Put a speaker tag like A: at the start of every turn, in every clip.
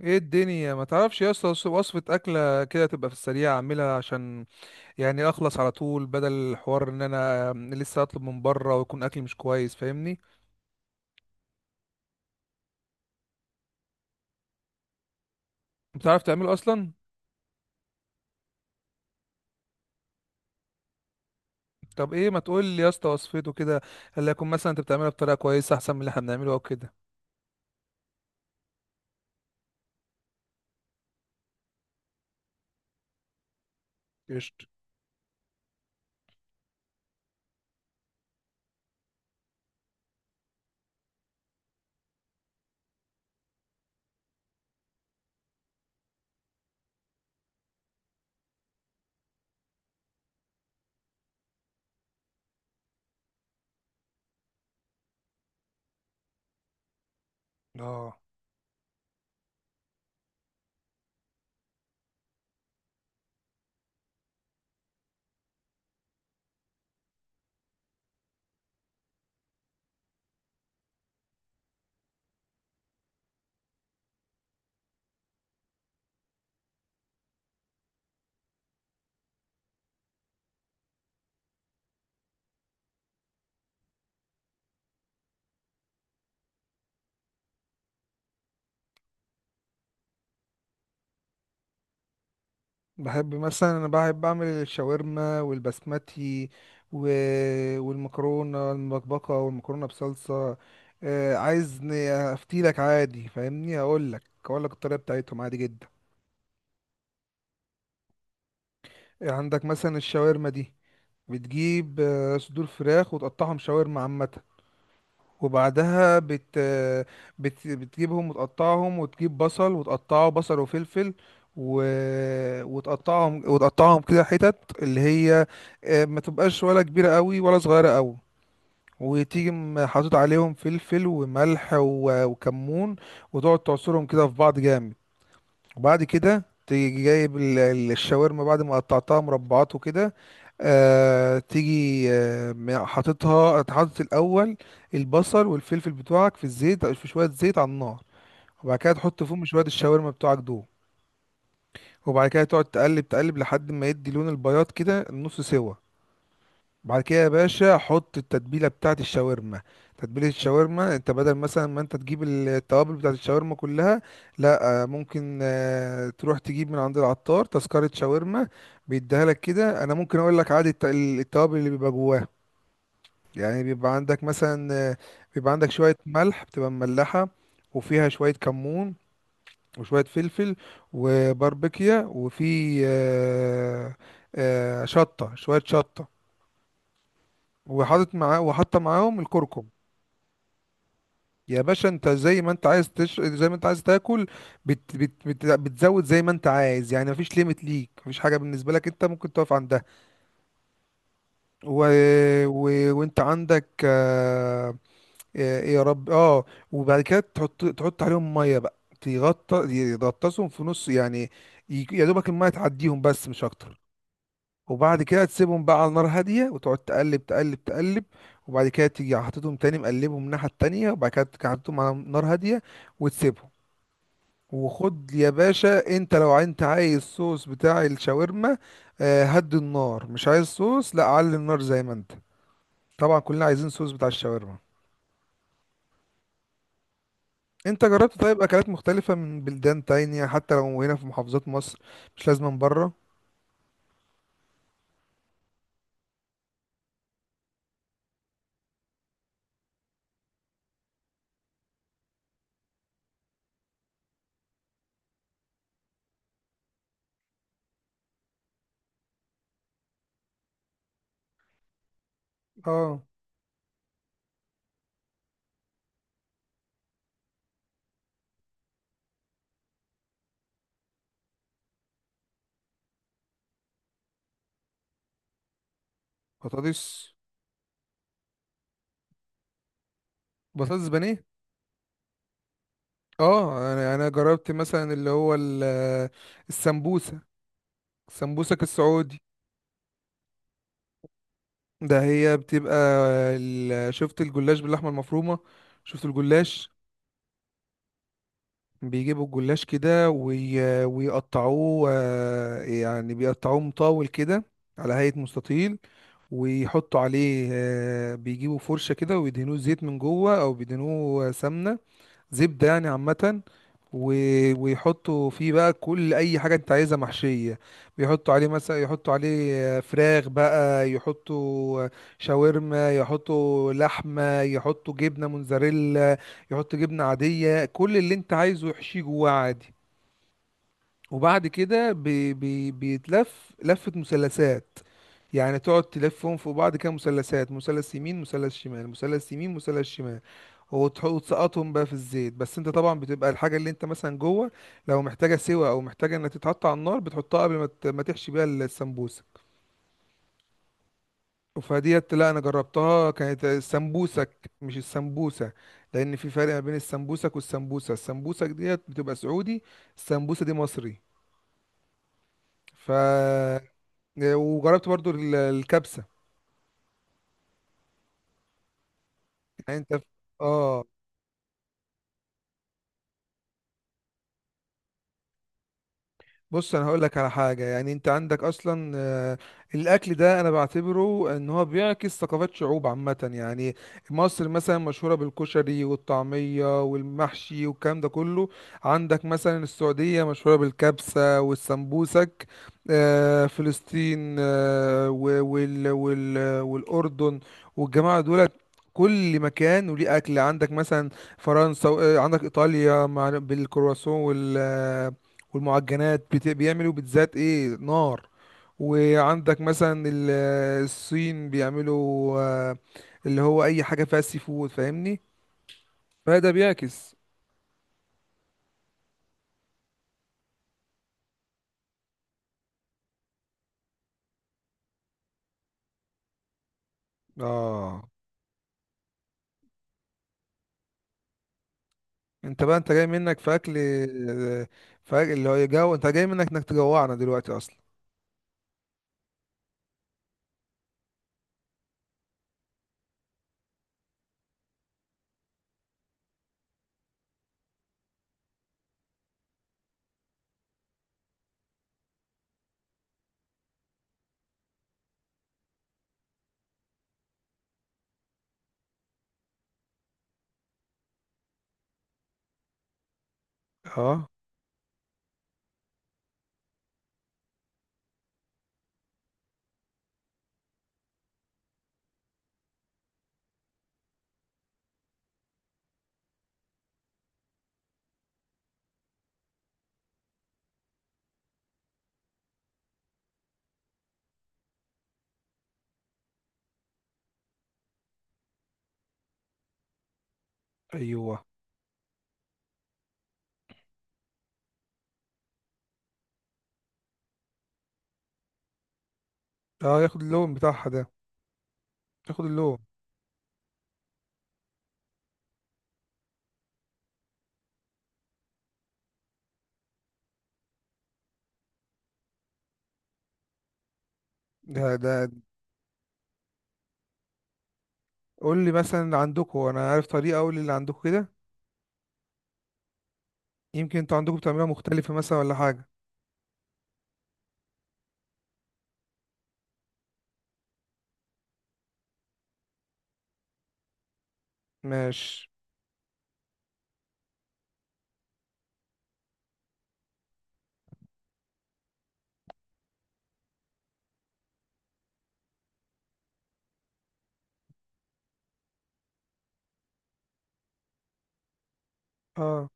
A: ايه الدنيا، ما تعرفش يا اسطى وصفة اكلة كده تبقى في السريع؟ اعملها عشان يعني اخلص على طول، بدل الحوار ان انا لسه اطلب من بره ويكون اكل مش كويس. فاهمني؟ بتعرف تعمله اصلا؟ طب ايه، ما تقول لي يا اسطى وصفته كده؟ اللي يكون مثلا انت بتعملها بطريقة كويسة، احسن من اللي احنا بنعمله او كده. قشطة. اه، بحب مثلا، انا بحب اعمل الشاورما والبسمتي و... والمكرونه المبكبكه والمكرونه بصلصه. عايز افتيلك عادي. فاهمني؟ هقول لك اقول لك الطريقه بتاعتهم عادي جدا. عندك مثلا الشاورما دي، بتجيب صدور فراخ وتقطعهم شاورما عامه. وبعدها بت... بتجيبهم وتقطعهم، وتجيب بصل وتقطعه، بصل وفلفل، و... وتقطعهم كده حتت. اللي هي ما تبقاش ولا كبيرة قوي ولا صغيرة قوي. وتيجي حاطط عليهم فلفل وملح وكمون، وتقعد تعصرهم كده في بعض جامد. وبعد كده تيجي جايب الشاورما بعد ما قطعتها مربعات وكده. تيجي حاطط الاول البصل والفلفل بتوعك في الزيت، في شويه زيت على النار. وبعد كده تحط فيهم شويه الشاورما بتوعك دول. وبعد كده تقعد تقلب تقلب لحد ما يدي لون البياض كده نص سوا. بعد كده يا باشا، حط التتبيله بتاعت الشاورما. تتبيله الشاورما، انت بدل مثلا ما انت تجيب التوابل بتاعت الشاورما كلها، لا ممكن تروح تجيب من عند العطار تذكره شاورما، بيديها لك كده. انا ممكن اقول لك عادي التوابل اللي بيبقى جواها. يعني بيبقى عندك مثلا، بيبقى عندك شويه ملح، بتبقى مملحه، وفيها شويه كمون، وشويه فلفل، وباربيكيا، وفي شطه، شويه شطه، وحاطط معاه وحاطه معاهم الكركم. يا باشا انت، زي ما انت عايز تاكل. بتزود زي ما انت عايز. يعني مفيش ليميت ليك، مفيش حاجه بالنسبه لك انت ممكن تقف عندها. و... و... وانت عندك يا رب اه. وبعد كده تحط عليهم ميه بقى، تغطى، يغطسهم في نص يعني. يا دوبك الميه تعديهم بس مش اكتر. وبعد كده تسيبهم بقى على نار هادية، وتقعد تقلب تقلب تقلب. وبعد كده تيجي حاططهم تاني، مقلبهم من الناحية التانية، وبعد كده تيجي حاططهم على نار هادية وتسيبهم. وخد يا باشا، انت لو انت عايز الصوص بتاع الشاورما، هدي النار. مش عايز صوص، لا علي النار زي ما انت. طبعا كلنا عايزين صوص بتاع الشاورما. انت جربت طيب اكلات مختلفة من بلدان تانية، حتى لو هنا في محافظات مصر؟ مش لازم من بره. اه. بطاطس. بطاطس بانيه. اه، انا جربت مثلا اللي هو السمبوسه السمبوسك السعودي. ده هي بتبقى ال- شفت الجلاش باللحمه المفرومه؟ شفت الجلاش؟ بيجيبوا الجلاش كده، ويقطعوه، يعني بيقطعوه مطاول كده، على هيئه مستطيل. ويحطوا عليه بيجيبوا فرشه كده ويدهنوه زيت من جوه، او بيدهنوه سمنه، زبدة يعني عامة. و... ويحطوا فيه بقى كل أي حاجة أنت عايزها محشية. بيحطوا عليه مثلا، يحطوا عليه فراخ بقى، يحطوا شاورما، يحطوا لحمة، يحطوا جبنة موزاريلا، يحطوا جبنة عادية، كل اللي أنت عايزه يحشيه جواه عادي. وبعد كده بيتلف لفة مثلثات. يعني تقعد تلفهم فوق بعض كده مثلثات، مثلث يمين، مثلث شمال، مثلث يمين، مثلث شمال. وتسقطهم بقى في الزيت. بس انت طبعا بتبقى الحاجه اللي انت مثلا جوه، لو محتاجه سوا او محتاجه انها تتحط على النار، بتحطها قبل ما ما تحشي بيها السمبوسه. فديت، لا انا جربتها، كانت السمبوسك مش السمبوسه. لان في فرق ما بين السمبوسك والسمبوسه. السمبوسك ديت بتبقى سعودي، السمبوسه دي مصري. ف وجربت برضو الكبسه. يعني انت، اه. بص، انا هقول لك على حاجه. يعني انت عندك اصلا الاكل ده انا بعتبره ان هو بيعكس ثقافات شعوب عامه. يعني مصر مثلا مشهوره بالكشري والطعميه والمحشي والكلام ده كله. عندك مثلا السعوديه مشهوره بالكبسه والسمبوسك. فلسطين والاردن والجماعه دولت، كل مكان وليه اكل. عندك مثلا فرنسا، عندك ايطاليا، مع بالكرواسون والمعجنات. بيعملوا بيتزات ايه نار. وعندك مثلا الصين بيعملوا اللي هو اي حاجه فيها سي فود، فاهمني؟ فده بيعكس. اه. انت بقى انت جاي منك في اكل، فاكل اللي هو يجو. انت جاي منك انك تجوعنا دلوقتي اصلا. اه. ايوه. اه. ياخد اللون بتاعها ده. ياخد اللون. ده ده، قول لي مثلا عندكم. انا عارف طريقه، اقول اللي عندكم كده، يمكن انتوا عندكم بتعملوها مختلفه مثلا، ولا حاجه. ماشي. اه.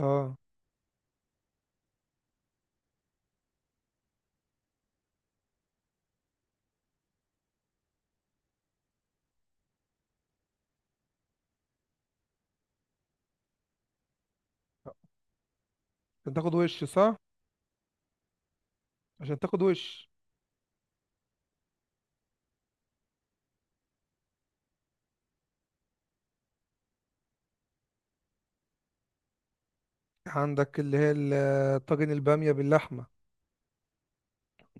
A: اه. عشان تاخد وش صح. عشان تاخد وش. عندك اللي هي طاجن البامية باللحمة.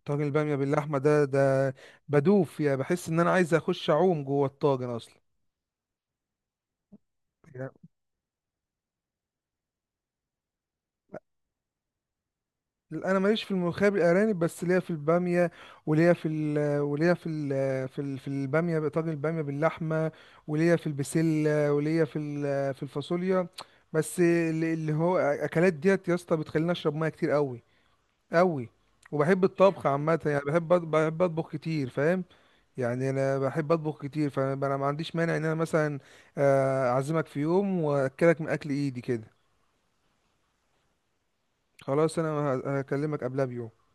A: طاجن البامية باللحمة ده، ده بدوف يعني، بحس ان انا عايز اخش اعوم جوه الطاجن اصلا. يعني انا ماليش في الملوخية بالارانب، بس ليا في البامية، وليا في ال وليا في ال في ال في البامية طاجن البامية باللحمة، وليا في البسلة، وليا في في الفاصوليا. بس اللي هو اكلات ديت يا اسطى بتخليني اشرب ميه كتير قوي قوي. وبحب الطبخ عامة يعني. بحب أطبخ كتير، فاهم؟ يعني أنا بحب أطبخ كتير، فأنا ما عنديش مانع إن أنا مثلا أعزمك في يوم وأكلك من أكل إيدي كده. خلاص، أنا هكلمك قبلها بيوم.